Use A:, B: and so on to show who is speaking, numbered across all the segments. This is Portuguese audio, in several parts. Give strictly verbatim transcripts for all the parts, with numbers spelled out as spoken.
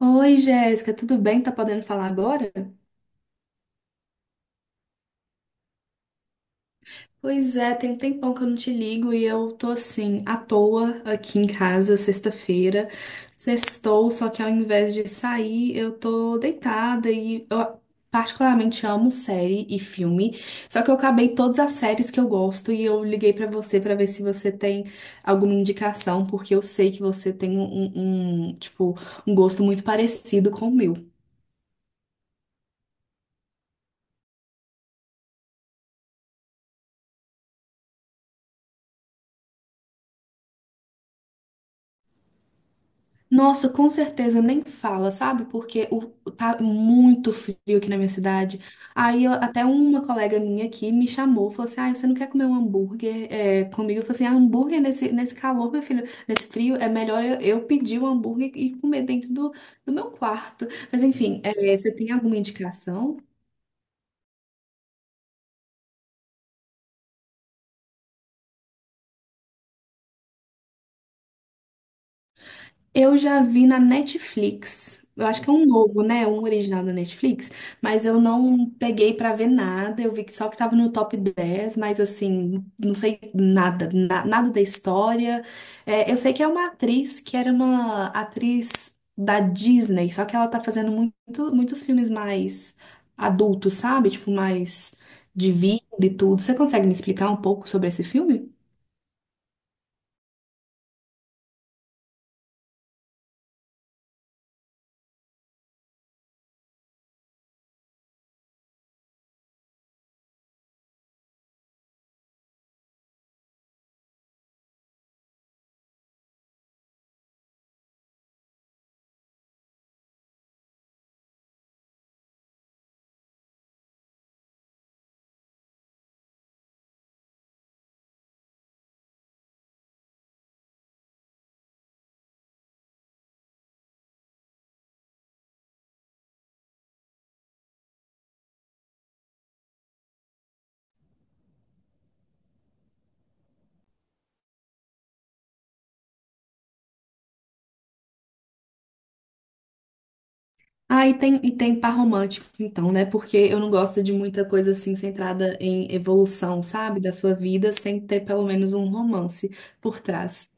A: Oi, Jéssica, tudo bem? Tá podendo falar agora? Pois é, tem um tempão que eu não te ligo e eu tô assim, à toa aqui em casa, sexta-feira. Sextou, só que ao invés de sair, eu tô deitada e eu particularmente amo série e filme. Só que eu acabei todas as séries que eu gosto e eu liguei pra você pra ver se você tem alguma indicação, porque eu sei que você tem um, um, um, tipo, um gosto muito parecido com o meu. Nossa, com certeza nem fala, sabe? Porque o, o- tá muito frio aqui na minha cidade. Aí eu- até uma colega minha aqui me chamou, falou assim: Ah, você não quer comer um hambúrguer é, comigo? Eu falei assim: ah, hambúrguer nesse, nesse calor, meu filho, nesse frio, é melhor eu, eu pedir o hambúrguer e comer dentro do, do meu quarto. Mas enfim, é, você tem alguma indicação? Eu já vi na Netflix. Eu acho que é um novo, né? Um original da Netflix, mas eu não peguei pra ver nada. Eu vi que só que tava no top dez, mas assim, não sei nada, na- nada da história. É, eu sei que é uma atriz que era uma atriz da Disney, só que ela tá fazendo muito, muitos filmes mais adultos, sabe? Tipo, mais de vida e tudo. Você consegue me explicar um pouco sobre esse filme? Ah, e tem, e tem par romântico, então, né? Porque eu não gosto de muita coisa assim centrada em evolução, sabe? Da sua vida, sem ter pelo menos um romance por trás.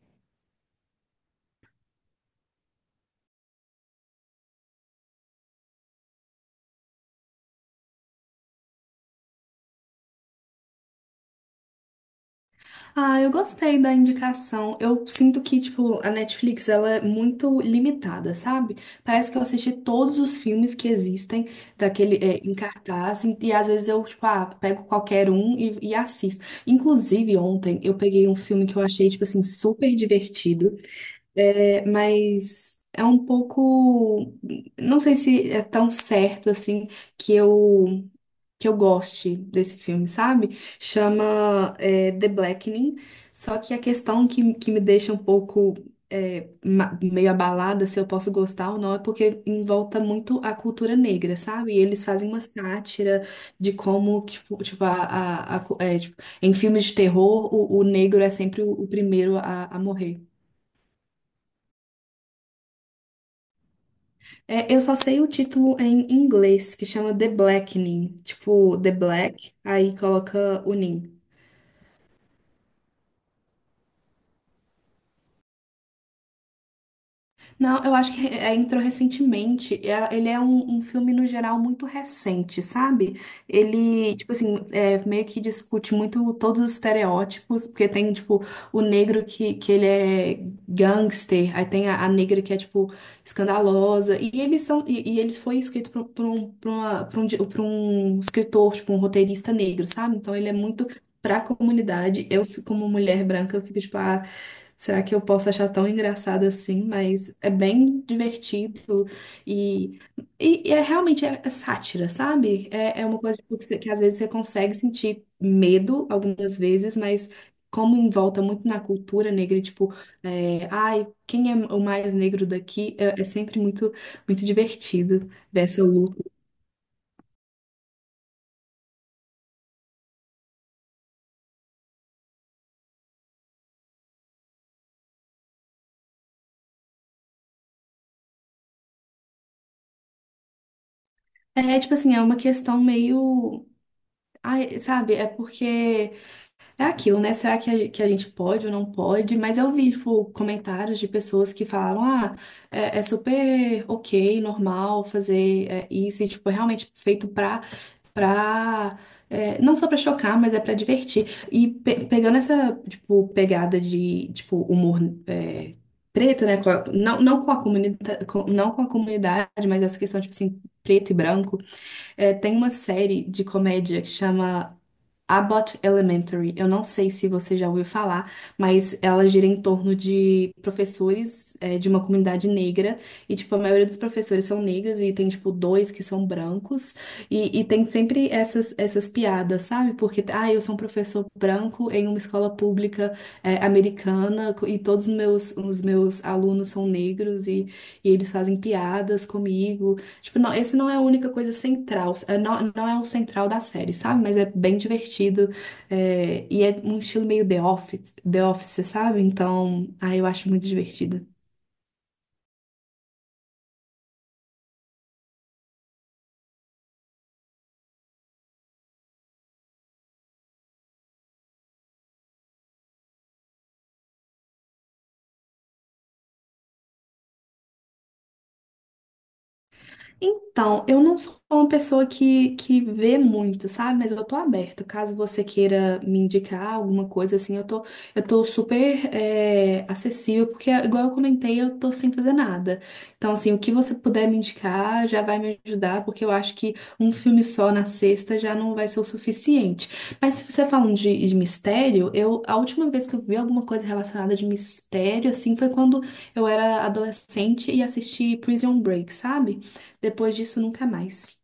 A: Ah, eu gostei da indicação. Eu sinto que, tipo, a Netflix, ela é muito limitada, sabe? Parece que eu assisti todos os filmes que existem daquele, é, em cartaz, e, e às vezes eu, tipo, ah, pego qualquer um e, e assisto. Inclusive, ontem eu peguei um filme que eu achei, tipo assim, super divertido. É, mas é um pouco, não sei se é tão certo assim que eu que eu goste desse filme, sabe? Chama é, The Blackening. Só que a questão que, que me deixa um pouco é, ma- meio abalada se eu posso gostar ou não é porque envolta muito a cultura negra, sabe? E eles fazem uma sátira de como tipo, tipo, a, a- a cu- é, tipo, em filmes de terror o, o negro é sempre o, o primeiro a a morrer. É, eu só sei o título em inglês, que chama The Blackening. Tipo, The Black, aí coloca o Ning. Não, eu acho que é, entrou recentemente. É- Ele é um, um filme, no geral, muito recente, sabe? Ele, tipo assim, é, meio que discute muito todos os estereótipos, porque tem, tipo, o negro que, que ele é gangster, aí tem a, a negra que é, tipo, escandalosa. E eles são, e, e eles foi escrito por, por um, por uma- por um, di- por um escritor, tipo, um roteirista negro, sabe? Então ele é muito. Pra comunidade, eu como mulher branca, eu fico tipo, ah, será que eu posso achar tão engraçado assim? Mas é bem divertido e, e, e é realmente é, é sátira, sabe? É, é uma coisa tipo, que, você- que às vezes você consegue sentir medo algumas vezes, mas como envolta muito na cultura negra, e, tipo, é, ai, quem é o mais negro daqui? É, é sempre muito, muito divertido ver essa luta. É tipo assim, é uma questão meio. Ai, sabe? É porque. É aquilo, né? Será que a, ge- que a gente pode ou não pode? Mas eu vi, tipo, comentários de pessoas que falaram, ah, é, é super ok, normal fazer é, isso, e, tipo, é realmente feito pra, pra é, não só pra chocar, mas é pra divertir. E pe- pegando essa, tipo, pegada de, tipo, humor é, preto, né? Com a- não, não com a comunidade, não com a comunidade, mas essa questão, tipo assim, preto e branco, é, tem uma série de comédia que chama Abbott Elementary. Eu não sei se você já ouviu falar, mas ela gira em torno de professores é, de uma comunidade negra. E, tipo, a maioria dos professores são negros e tem, tipo, dois que são brancos. E, e tem sempre essas, essas piadas, sabe? Porque, ah, eu sou um professor branco em uma escola pública é, americana co- e todos os meus, os meus alunos são negros e, e eles fazem piadas comigo. Tipo, não, esse não é a única coisa central, é, não, não é o central da série, sabe? Mas é bem divertido, é, e é um estilo meio The Office, The Office, sabe? Então, ah, eu acho muito divertido. Então, eu não sou uma pessoa que, que vê muito, sabe? Mas eu tô aberta. Caso você queira me indicar alguma coisa assim, eu tô, eu tô super é, acessível, porque, igual eu comentei, eu tô sem fazer nada. Então, assim, o que você puder me indicar já vai me ajudar, porque eu acho que um filme só na sexta já não vai ser o suficiente. Mas se você falando de, de mistério, eu, a última vez que eu vi alguma coisa relacionada de mistério, assim, foi quando eu era adolescente e assisti Prison Break, sabe? Depois disso, nunca mais.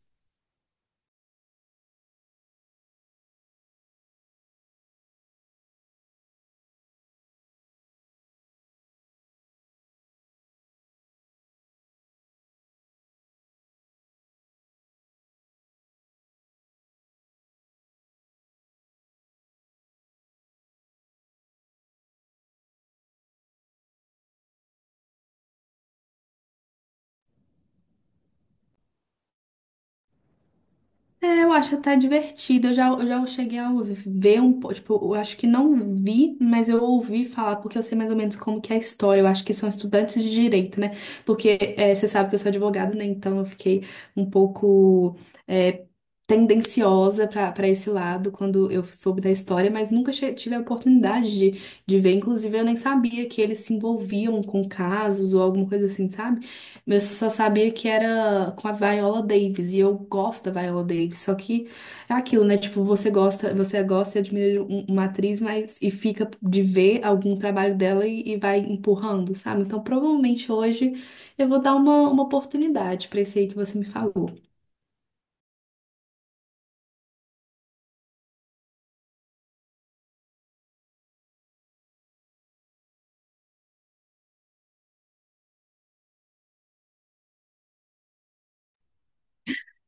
A: É, eu acho até divertido. Eu já, eu já cheguei a ouvir- ver um pouco. Tipo, eu acho que não vi, mas eu ouvi falar, porque eu sei mais ou menos como que é a história. Eu acho que são estudantes de direito, né? Porque é, você sabe que eu sou advogada, né? Então eu fiquei um pouco é, tendenciosa para para esse lado quando eu soube da história, mas nunca che- tive a oportunidade de, de ver. Inclusive, eu nem sabia que eles se envolviam com casos ou alguma coisa assim, sabe? Mas eu só sabia que era com a Viola Davis, e eu gosto da Viola Davis, só que é aquilo, né? Tipo, você gosta, você gosta e admira um- uma atriz, mas e fica de ver algum trabalho dela e, e vai empurrando, sabe? Então, provavelmente hoje eu vou dar uma, uma oportunidade pra esse aí que você me falou.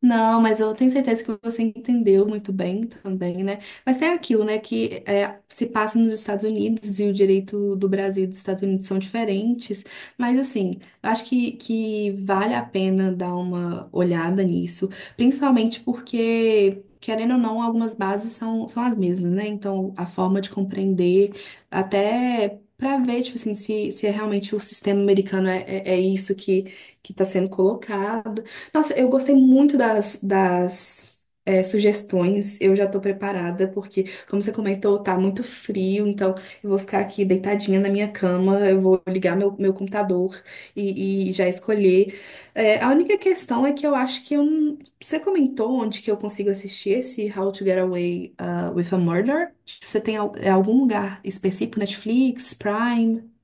A: Não, mas eu tenho certeza que você entendeu muito bem também, né? Mas tem aquilo, né, que é, se passa nos Estados Unidos e o direito do Brasil e dos Estados Unidos são diferentes. Mas, assim, eu acho que, que vale a pena dar uma olhada nisso, principalmente porque. Querendo ou não, algumas bases são, são as mesmas, né? Então, a forma de compreender, até para ver, tipo assim, se, se é realmente o sistema americano é, é, é isso que, que está sendo colocado. Nossa, eu gostei muito das, das é, sugestões. Eu já tô preparada, porque, como você comentou, tá muito frio, então eu vou ficar aqui deitadinha na minha cama, eu vou ligar meu, meu computador e, e já escolher. É, a única questão é que eu acho que eu não... Você comentou onde que eu consigo assistir esse How to Get Away uh, with a Murder? Você tem al- é algum lugar específico, Netflix, Prime?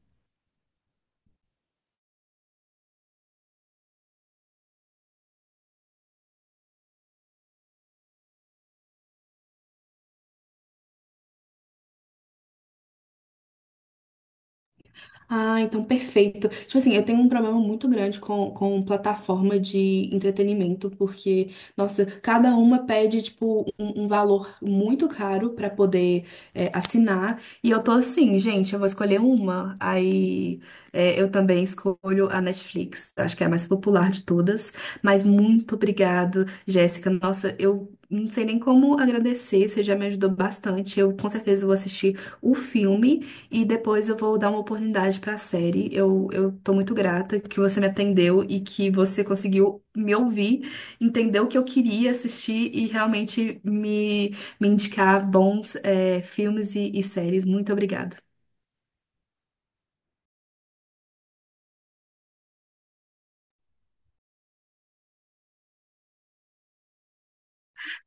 A: Ah, então perfeito. Tipo assim, eu tenho um problema muito grande com, com plataforma de entretenimento, porque, nossa, cada uma pede, tipo, um, um valor muito caro pra poder é, assinar. E eu tô assim, gente, eu vou escolher uma. Aí é, eu também escolho a Netflix, acho que é a mais popular de todas. Mas muito obrigado, Jéssica. Nossa, eu. Não sei nem como agradecer, você já me ajudou bastante. Eu com certeza vou assistir o filme. E depois eu vou dar uma oportunidade pra série. Eu, eu tô muito grata que você me atendeu e que você conseguiu me ouvir, entender o que eu queria assistir e realmente me, me indicar bons é, filmes e, e séries. Muito obrigada.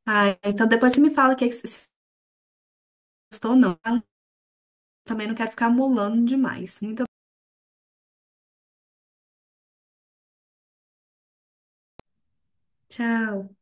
A: Ah, então depois você me fala o que é que você gostou ou não. Também não quero ficar molando demais. Muito obrigada. Tchau.